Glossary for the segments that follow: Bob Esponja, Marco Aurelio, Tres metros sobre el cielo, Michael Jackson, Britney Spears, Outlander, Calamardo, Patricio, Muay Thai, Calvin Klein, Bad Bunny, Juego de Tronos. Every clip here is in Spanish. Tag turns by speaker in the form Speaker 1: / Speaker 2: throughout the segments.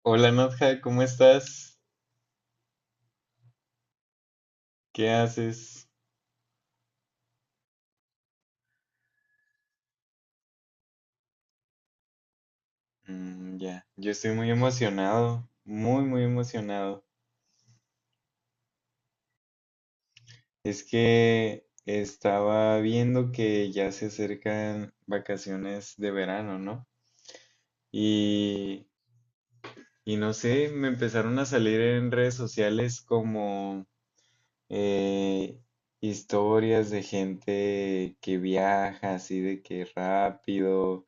Speaker 1: Hola Nadja, ¿cómo estás? ¿Qué haces? Mm, ya, yo estoy muy emocionado, muy, muy emocionado. Es que estaba viendo que ya se acercan vacaciones de verano, ¿no? Y, y no sé, me empezaron a salir en redes sociales como eh, historias de gente que viaja así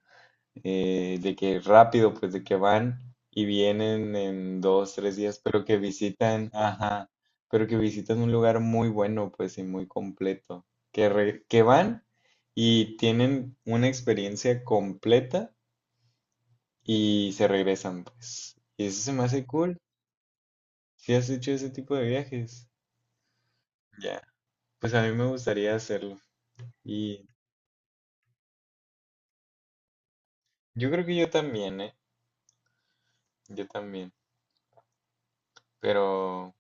Speaker 1: de que rápido, pues de que van y vienen en dos, tres días, pero que visitan, ajá, pero que visitan un lugar muy bueno, pues y muy completo, que van y tienen una experiencia completa y se regresan, pues. Y eso se me hace cool. Si has hecho ese tipo de viajes, ya. Pues a mí me gustaría hacerlo. Y yo creo que yo también, ¿eh? Yo también. Pero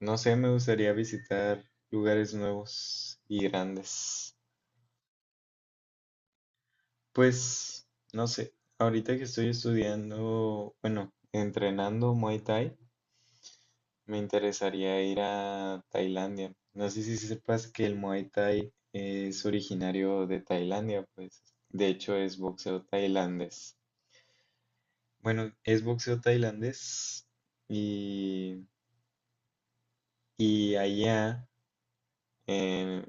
Speaker 1: no sé, me gustaría visitar lugares nuevos y grandes. Pues, no sé, ahorita que estoy estudiando, bueno, entrenando Muay Thai, me interesaría ir a Tailandia. No sé si sepas que el Muay Thai es originario de Tailandia, pues, de hecho es boxeo tailandés. Bueno, es boxeo tailandés y, y allá eh,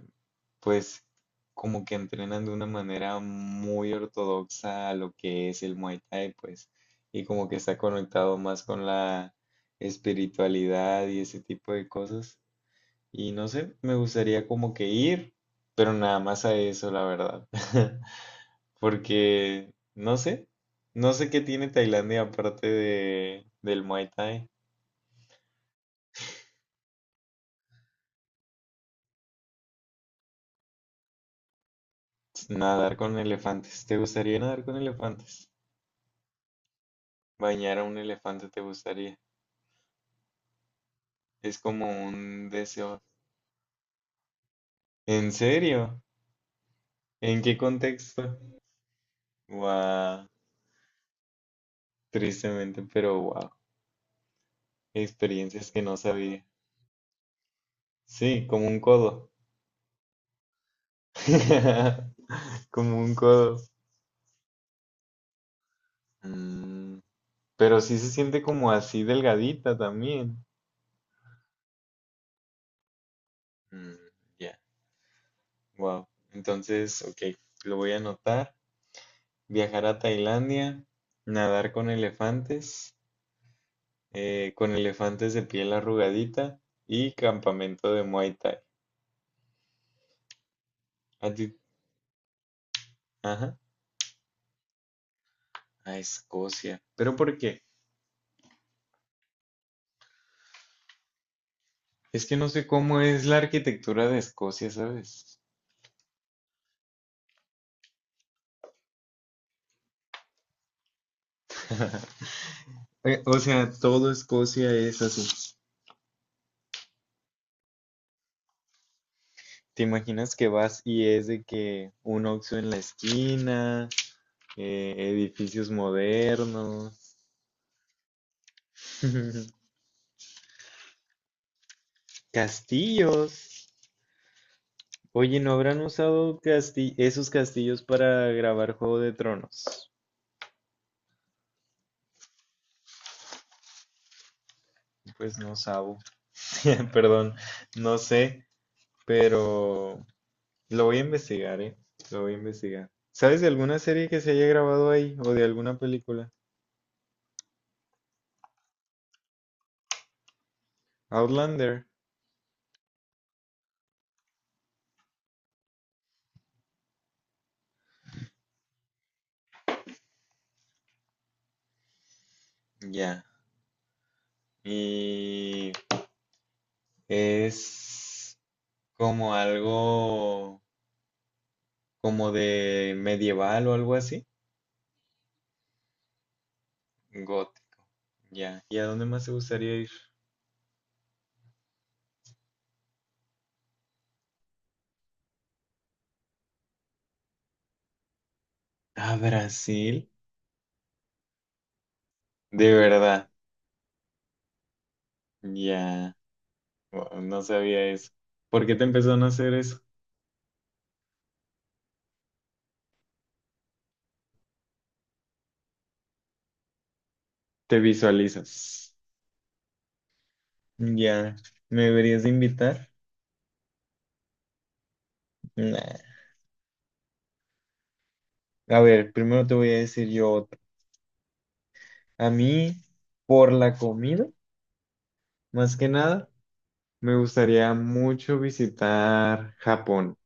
Speaker 1: pues como que entrenan de una manera muy ortodoxa a lo que es el Muay Thai, pues, y como que está conectado más con la espiritualidad y ese tipo de cosas. Y no sé, me gustaría como que ir, pero nada más a eso, la verdad. Porque no sé, no sé qué tiene Tailandia aparte del Muay Thai. Nadar con elefantes. ¿Te gustaría nadar con elefantes? ¿Bañar a un elefante te gustaría? Es como un deseo. ¿En serio? ¿En qué contexto? Wow, tristemente, pero wow. Experiencias que no sabía. Sí, como un codo. Como un codo. Mm, pero sí se siente como así delgadita también. Mm, ya. Wow. Entonces, ok, lo voy a anotar. Viajar a Tailandia, nadar con elefantes de piel arrugadita y campamento de Muay Thai. A ti- ajá, a Escocia. ¿Pero por qué? Es que no sé cómo es la arquitectura de Escocia, ¿sabes? O sea, todo Escocia es así. ¿Te imaginas que vas y es de que un Oxxo en la esquina, edificios modernos, castillos? Oye, ¿no habrán usado esos castillos para grabar Juego de Tronos? Pues no sabo, perdón, no sé, pero lo voy a investigar, ¿eh? Lo voy a investigar. ¿Sabes de alguna serie que se haya grabado ahí o de alguna película? Outlander. Ya. Y es como algo como de medieval o algo así. Got, ya. ¿Y a dónde más te gustaría ir? ¿A Brasil? De verdad. Ya. Wow, no sabía eso. ¿Por qué te empezó a hacer eso? ¿Te visualizas? Ya. ¿Me deberías de invitar? Nah. A ver, primero te voy a decir yo otro. A mí, por la comida, más que nada, me gustaría mucho visitar Japón.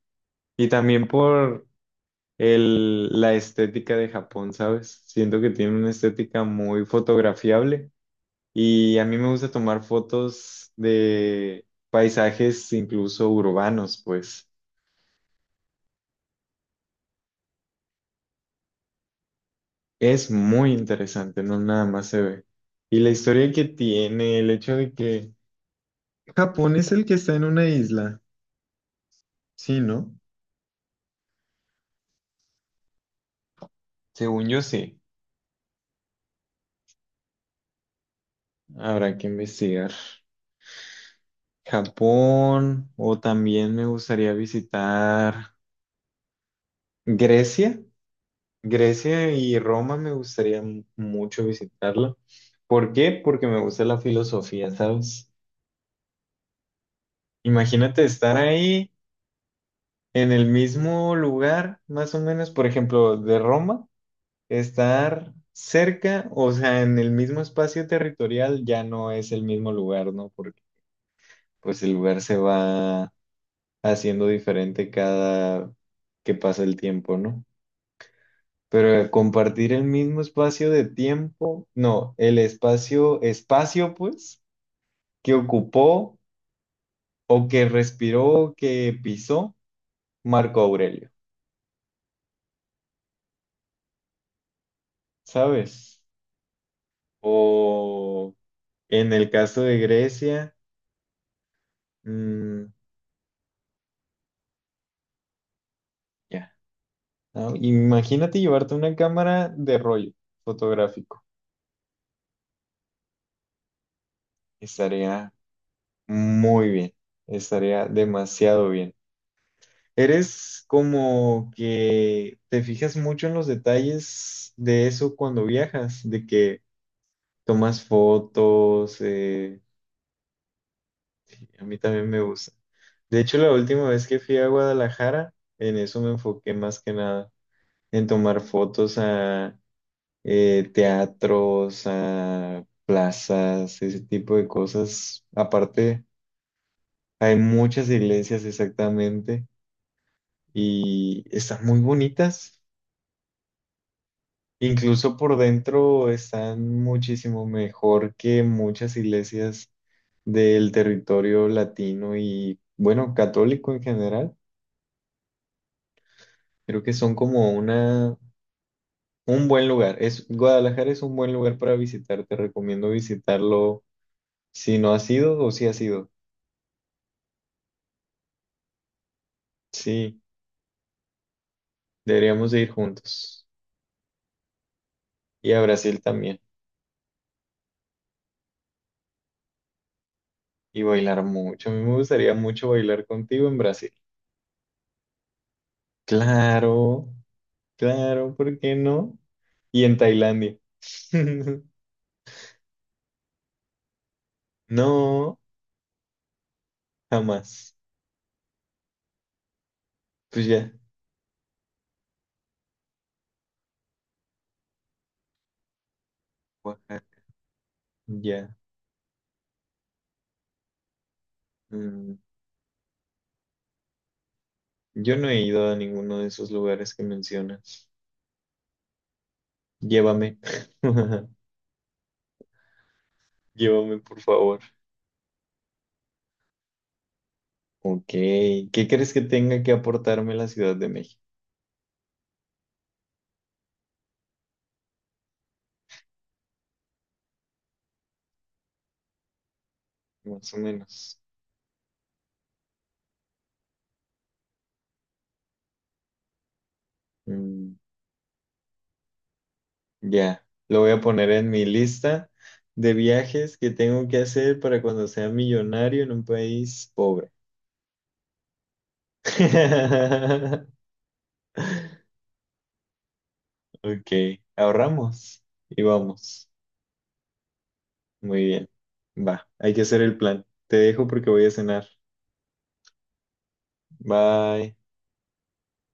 Speaker 1: Y también por la estética de Japón, ¿sabes? Siento que tiene una estética muy fotografiable. Y a mí me gusta tomar fotos de paisajes incluso urbanos, pues es muy interesante, no nada más se ve. Y la historia que tiene, el hecho de que... Japón es el que está en una isla. Sí, ¿no? Según yo sí, habrá que investigar. Japón o también me gustaría visitar Grecia. Grecia y Roma me gustaría mucho visitarla. ¿Por qué? Porque me gusta la filosofía, ¿sabes? Imagínate estar ahí en el mismo lugar, más o menos, por ejemplo, de Roma, estar cerca, o sea, en el mismo espacio territorial ya no es el mismo lugar, ¿no? Porque pues el lugar se va haciendo diferente cada que pasa el tiempo, ¿no? Pero compartir el mismo espacio de tiempo, no, el espacio, espacio pues, que ocupó o que respiró, o que pisó Marco Aurelio, ¿sabes? O en el caso de Grecia, mm, ya, ¿no? Imagínate llevarte una cámara de rollo fotográfico, estaría muy bien, estaría demasiado bien. ¿Eres como que te fijas mucho en los detalles de eso cuando viajas? De que tomas fotos, a mí también me gusta. De hecho, la última vez que fui a Guadalajara, en eso me enfoqué más que nada, en tomar fotos a teatros, a plazas, ese tipo de cosas. Aparte, hay muchas iglesias exactamente y están muy bonitas. Incluso por dentro están muchísimo mejor que muchas iglesias del territorio latino y, bueno, católico en general. Creo que son un buen lugar. Es, Guadalajara es un buen lugar para visitar. Te recomiendo visitarlo si no has ido o si has ido. Sí, deberíamos de ir juntos. Y a Brasil también. Y bailar mucho. A mí me gustaría mucho bailar contigo en Brasil. Claro, claro, ¿por qué no? Y en Tailandia. No, jamás. Pues ya, Oaxaca, ya. Mm, yo no he ido a ninguno de esos lugares que mencionas. Llévame. Llévame, por favor. Ok, ¿qué crees que tenga que aportarme la Ciudad de México? Más o menos. Mm, ya, lo voy a poner en mi lista de viajes que tengo que hacer para cuando sea millonario en un país pobre. Ok, ahorramos y vamos. Muy bien. Va, hay que hacer el plan. Te dejo porque voy a cenar. Bye.